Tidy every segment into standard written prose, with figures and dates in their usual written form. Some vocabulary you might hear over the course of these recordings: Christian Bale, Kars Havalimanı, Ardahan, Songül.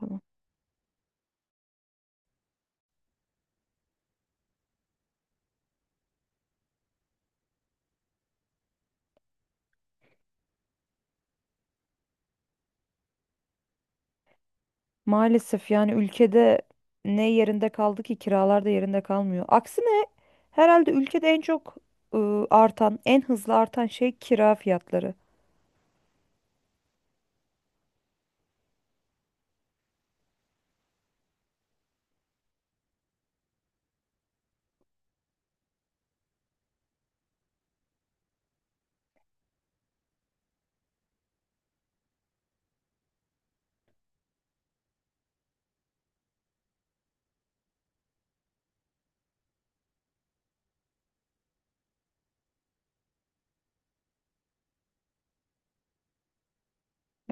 Tamam. Maalesef yani ülkede ne yerinde kaldı ki kiralar da yerinde kalmıyor. Aksine herhalde ülkede en çok artan, en hızlı artan şey kira fiyatları.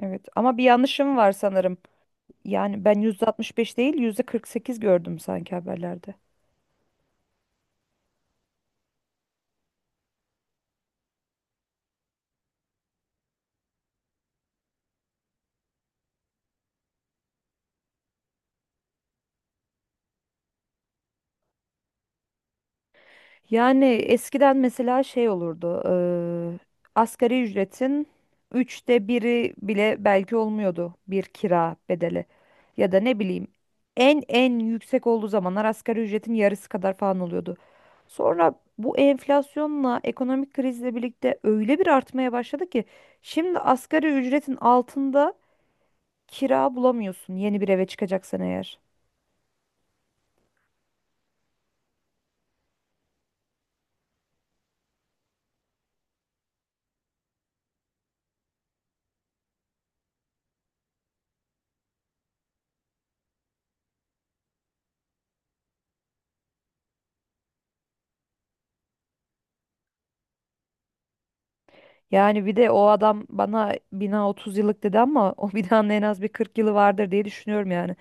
Evet ama bir yanlışım var sanırım. Yani ben %65 değil %48 gördüm sanki haberlerde. Yani eskiden mesela şey olurdu. Asgari ücretin üçte biri bile belki olmuyordu bir kira bedeli. Ya da ne bileyim en yüksek olduğu zamanlar asgari ücretin yarısı kadar falan oluyordu. Sonra bu enflasyonla ekonomik krizle birlikte öyle bir artmaya başladı ki şimdi asgari ücretin altında kira bulamıyorsun yeni bir eve çıkacaksan eğer. Yani bir de o adam bana bina 30 yıllık dedi ama o binanın en az bir 40 yılı vardır diye düşünüyorum yani.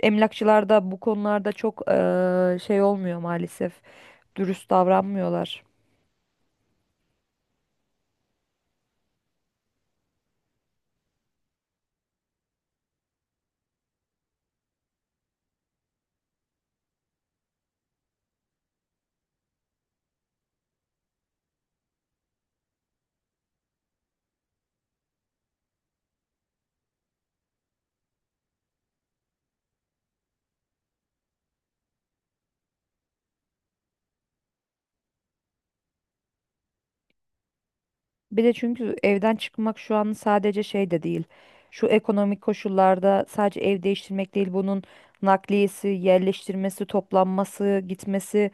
Emlakçılar da bu konularda çok şey olmuyor maalesef. Dürüst davranmıyorlar. Bir de çünkü evden çıkmak şu an sadece şey de değil. Şu ekonomik koşullarda sadece ev değiştirmek değil bunun nakliyesi, yerleştirmesi, toplanması, gitmesi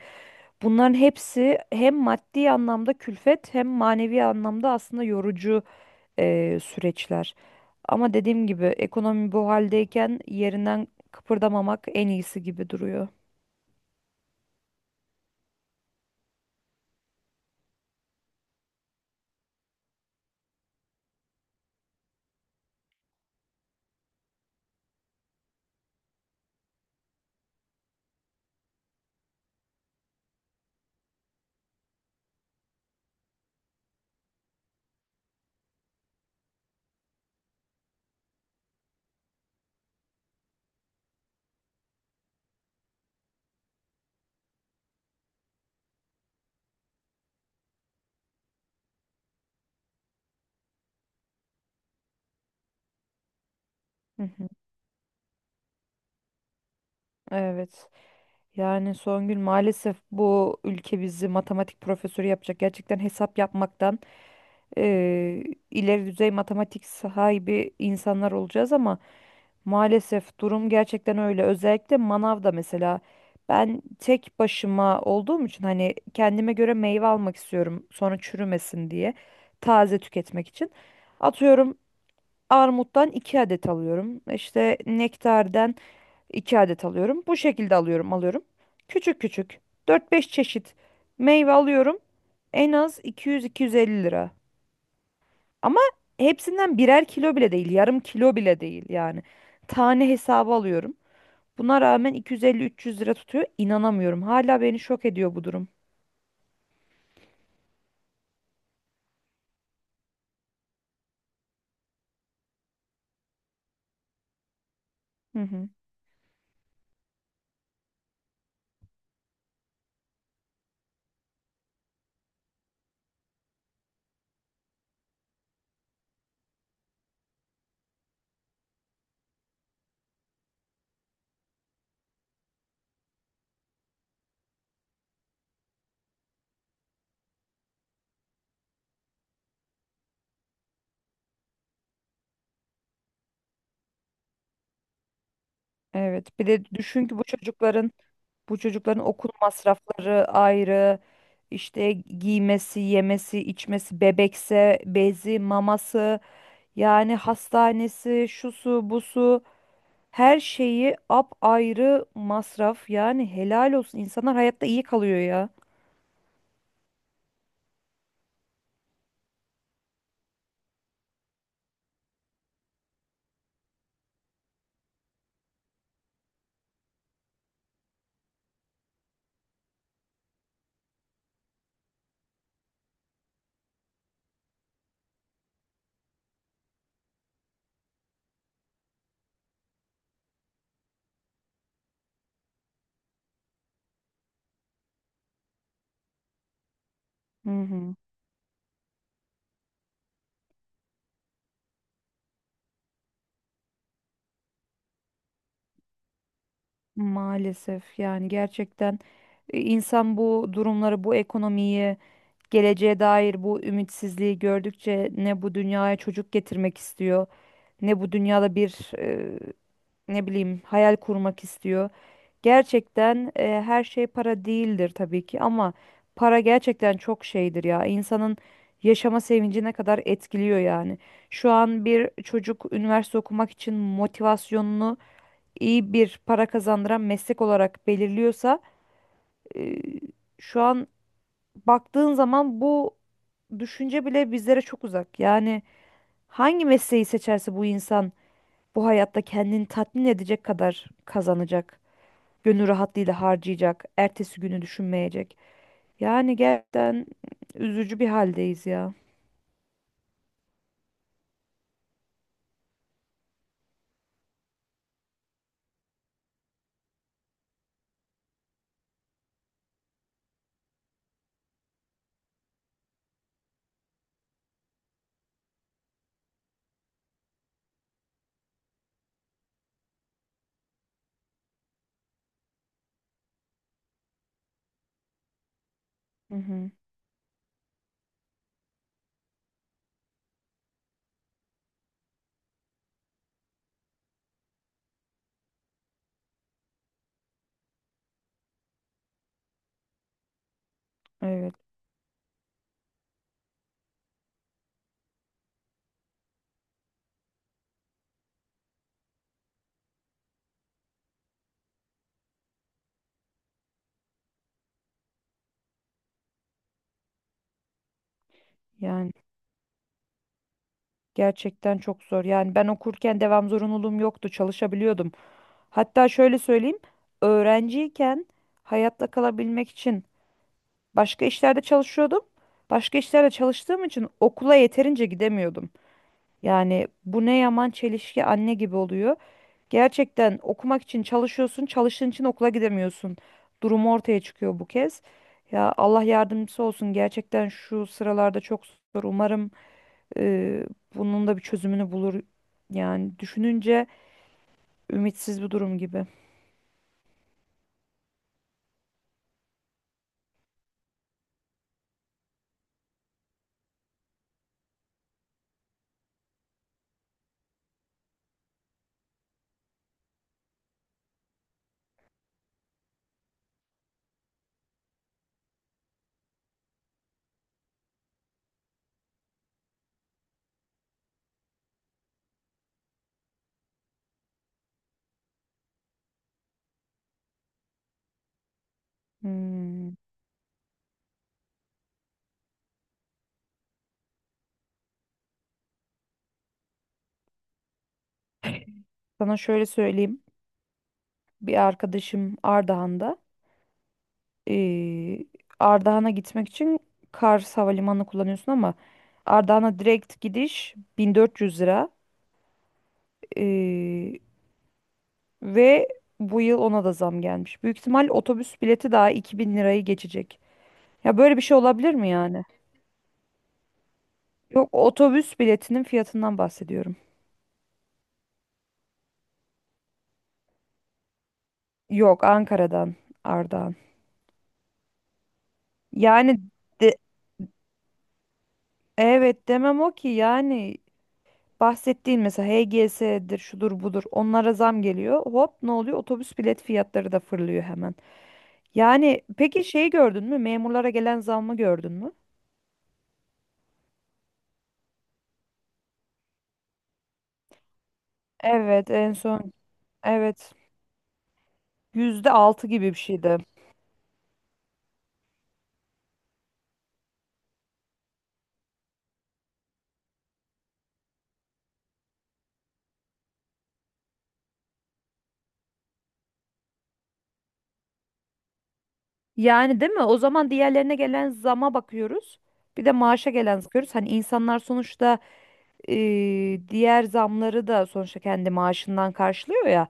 bunların hepsi hem maddi anlamda külfet hem manevi anlamda aslında yorucu süreçler. Ama dediğim gibi ekonomi bu haldeyken yerinden kıpırdamamak en iyisi gibi duruyor. Hı hı, evet. Yani Songül maalesef bu ülke bizi matematik profesörü yapacak. Gerçekten hesap yapmaktan eee, ileri düzey matematik sahibi insanlar olacağız ama maalesef durum gerçekten öyle. Özellikle manavda mesela ben tek başıma olduğum için hani kendime göre meyve almak istiyorum sonra çürümesin diye taze tüketmek için. Atıyorum armuttan 2 adet alıyorum. İşte nektardan 2 adet alıyorum. Bu şekilde alıyorum, alıyorum. Küçük küçük dört beş çeşit meyve alıyorum. En az 200-250 lira. Ama hepsinden birer kilo bile değil, yarım kilo bile değil yani. Tane hesabı alıyorum. Buna rağmen 250-300 lira tutuyor. İnanamıyorum. Hala beni şok ediyor bu durum. Hı hı. Evet. Bir de düşün ki bu çocukların okul masrafları ayrı. İşte giymesi, yemesi, içmesi, bebekse bezi, maması. Yani hastanesi, şusu, busu her şeyi apayrı masraf. Yani helal olsun. İnsanlar hayatta iyi kalıyor ya. Hı hı. Maalesef yani gerçekten insan bu durumları, bu ekonomiyi, geleceğe dair bu ümitsizliği gördükçe ne bu dünyaya çocuk getirmek istiyor, ne bu dünyada bir ne bileyim hayal kurmak istiyor. Gerçekten her şey para değildir tabii ki ama para gerçekten çok şeydir ya. İnsanın yaşama sevincine kadar etkiliyor yani. Şu an bir çocuk üniversite okumak için motivasyonunu iyi bir para kazandıran meslek olarak belirliyorsa e, şu an baktığın zaman bu düşünce bile bizlere çok uzak. Yani hangi mesleği seçerse bu insan bu hayatta kendini tatmin edecek kadar kazanacak gönül rahatlığıyla harcayacak, ertesi günü düşünmeyecek. Yani gerçekten üzücü bir haldeyiz ya. Hı hı, evet. Yani gerçekten çok zor. Yani ben okurken devam zorunluluğum yoktu, çalışabiliyordum. Hatta şöyle söyleyeyim, öğrenciyken hayatta kalabilmek için başka işlerde çalışıyordum. Başka işlerde çalıştığım için okula yeterince gidemiyordum. Yani bu ne yaman çelişki anne gibi oluyor. Gerçekten okumak için çalışıyorsun, çalıştığın için okula gidemiyorsun. Durumu ortaya çıkıyor bu kez. Ya Allah yardımcısı olsun. Gerçekten şu sıralarda çok zor. Umarım e, bunun da bir çözümünü bulur. Yani düşününce ümitsiz bir durum gibi. Hmm. Sana şöyle söyleyeyim. Bir arkadaşım Ardahan'da. E, Ardahan'a gitmek için Kars Havalimanı kullanıyorsun ama Ardahan'a direkt gidiş 1400 lira. E, Ve bu yıl ona da zam gelmiş. Büyük ihtimal otobüs bileti daha 2.000 lirayı geçecek. Ya böyle bir şey olabilir mi yani? Yok otobüs biletinin fiyatından bahsediyorum. Yok Ankara'dan Ardahan. Yani de- evet demem o ki yani bahsettiğin mesela HGS'dir şudur budur onlara zam geliyor. Hop ne oluyor? Otobüs bilet fiyatları da fırlıyor hemen. Yani peki şey gördün mü? Memurlara gelen zammı gördün mü? Evet en son evet %6 gibi bir şeydi. Yani değil mi? O zaman diğerlerine gelen zama bakıyoruz. Bir de maaşa gelen zam bakıyoruz. Hani insanlar sonuçta diğer zamları da sonuçta kendi maaşından karşılıyor ya.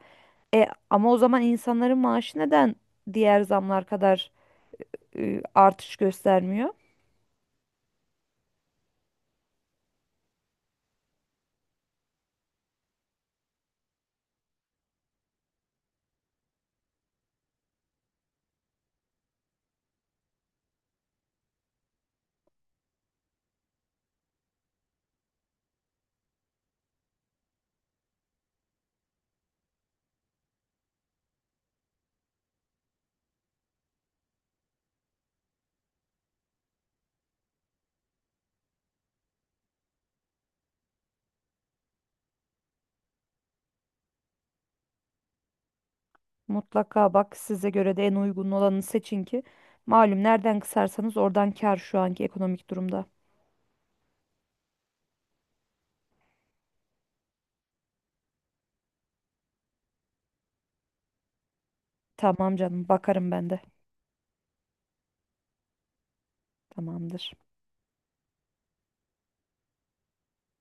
Ama o zaman insanların maaşı neden diğer zamlar kadar artış göstermiyor? Mutlaka bak size göre de en uygun olanı seçin ki. Malum nereden kısarsanız oradan kar şu anki ekonomik durumda. Tamam canım bakarım ben de. Tamamdır.